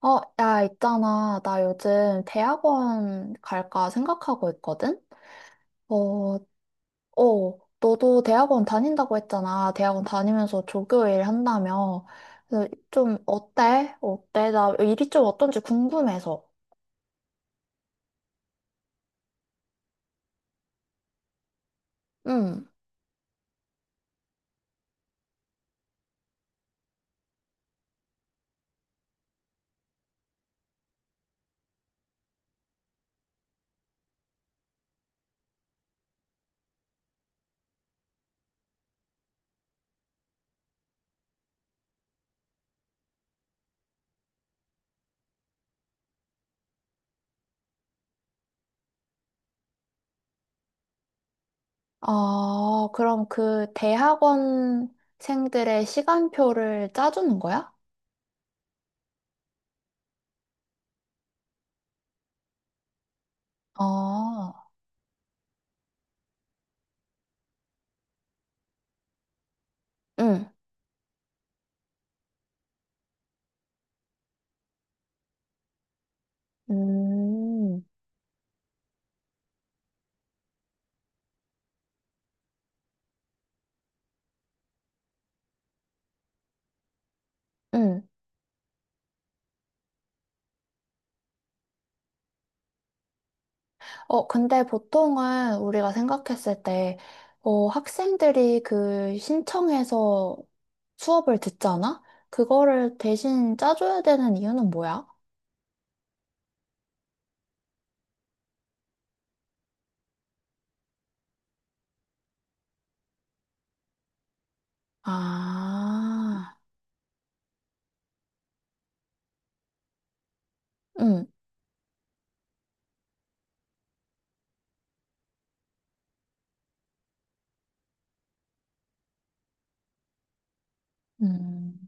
야, 있잖아. 나 요즘 대학원 갈까 생각하고 있거든? 어, 너도 대학원 다닌다고 했잖아. 대학원 다니면서 조교일 한다며. 그래서 좀 어때? 어때? 나 일이 좀 어떤지 궁금해서. 응. 아, 그럼 그 대학원생들의 시간표를 짜주는 거야? 아, 응. 음, 응. 근데 보통은 우리가 생각했을 때, 학생들이 그 신청해서 수업을 듣잖아? 그거를 대신 짜줘야 되는 이유는 뭐야? 아, 응. 음.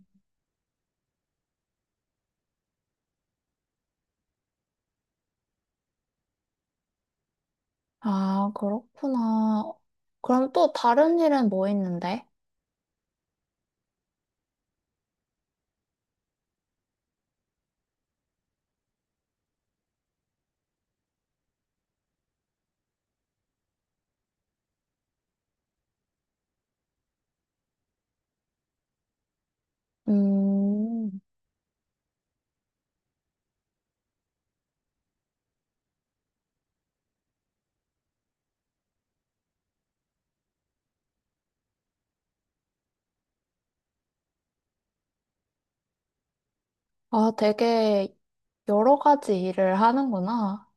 아, 그렇구나. 그럼 또 다른 일은 뭐 있는데? 음, 아, 되게 여러 가지 일을 하는구나.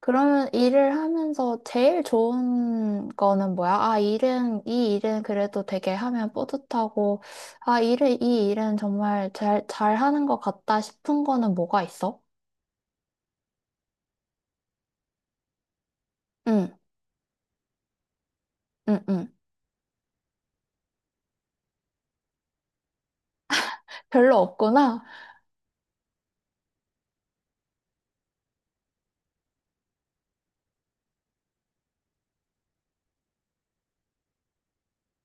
그러면 일을 하면서 제일 좋은 거는 뭐야? 아, 이 일은 그래도 되게 하면 뿌듯하고, 아, 이 일은 정말 잘 하는 것 같다 싶은 거는 뭐가 있어? 응, 응, 응. 별로 없구나?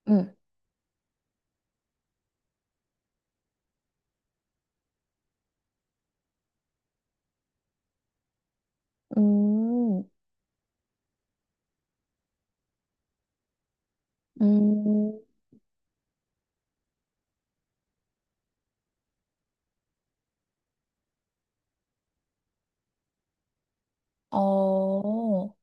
응, 음, 음, 어.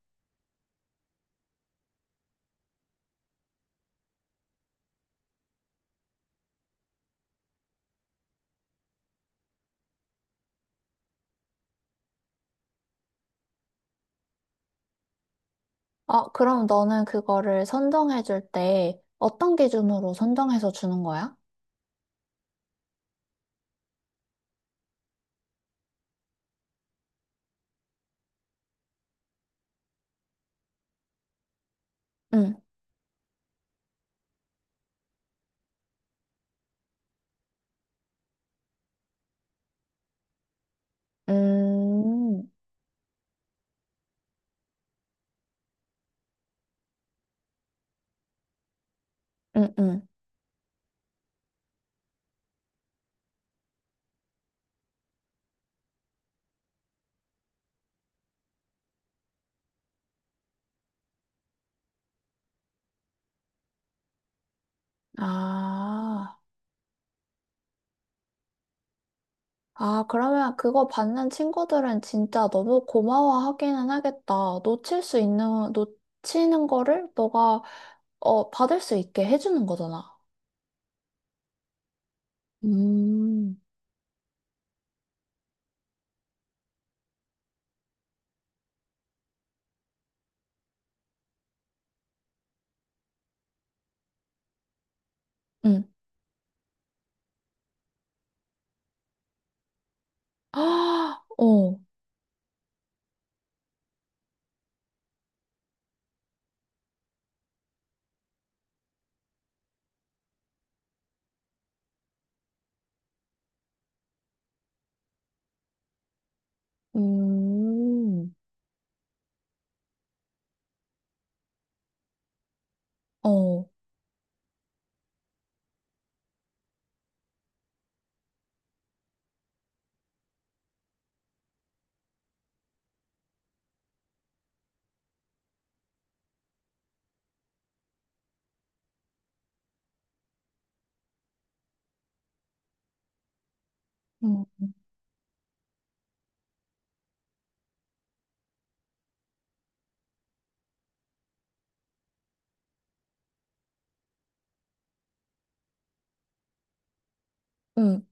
아, 그럼 너는 그거를 선정해 줄 때 어떤 기준으로 선정해서 주는 거야? 응, 음, 응, 응. 아. 아, 그러면 그거 받는 친구들은 진짜 너무 고마워하기는 하겠다. 놓치는 거를 너가, 어, 받을 수 있게 해주는 거잖아. 음, 응. 아, 어, 음, 어, 응, 응.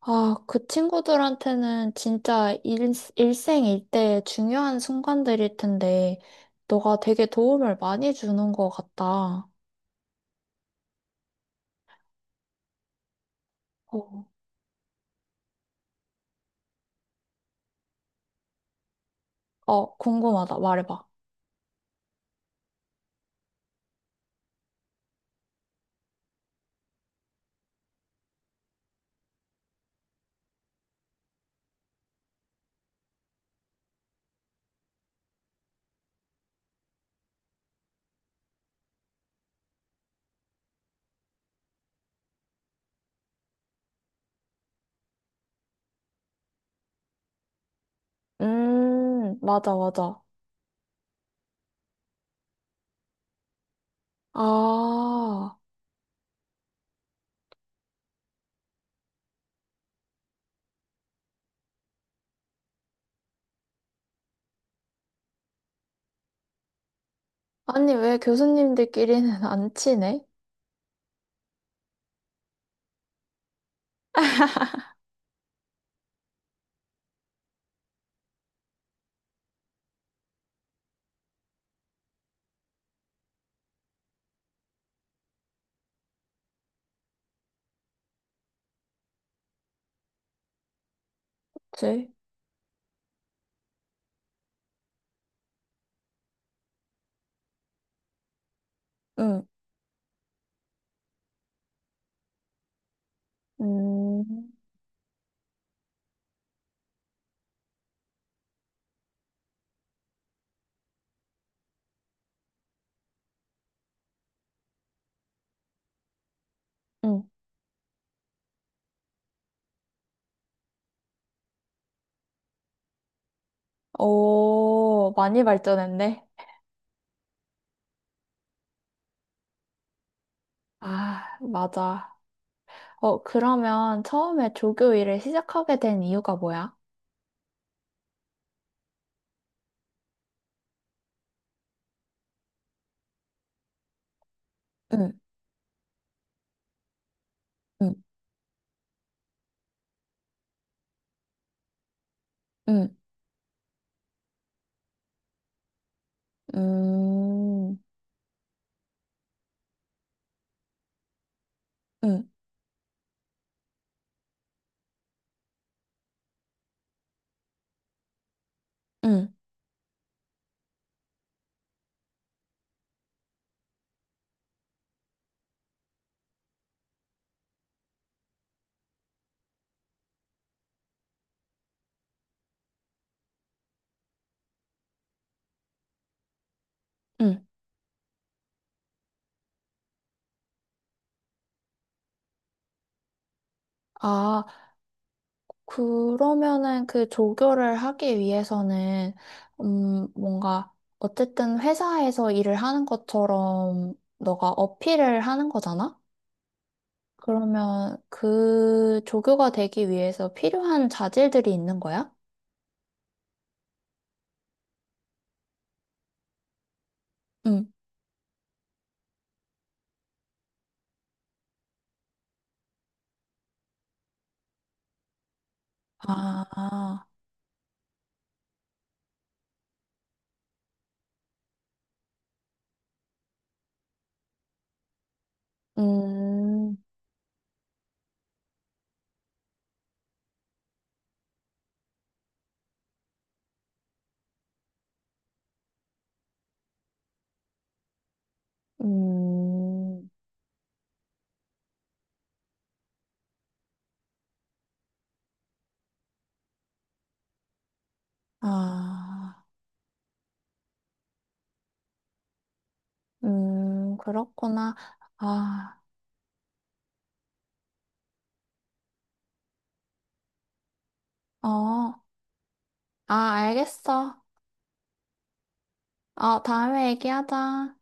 아, 그 친구들한테는 진짜 일생일대의 중요한 순간들일 텐데, 너가 되게 도움을 많이 주는 것 같다. 어, 어, 궁금하다. 말해봐. 맞아, 맞아. 아, 아니, 왜 교수님들끼리는 안 친해? 그치? 응, 음, 응. 오, 많이 발전했네. 아, 맞아. 어, 그러면 처음에 조교 일을 시작하게 된 이유가 뭐야? 응, 응, 응, 음, 응, 응, 응. 아, 그러면은 그 조교를 하기 위해서는, 뭔가, 어쨌든 회사에서 일을 하는 것처럼 너가 어필을 하는 거잖아? 그러면 그 조교가 되기 위해서 필요한 자질들이 있는 거야? 응. 아, 음, 음, 아, 그렇구나. 아, 어, 아, 알겠어. 어, 다음에 얘기하자.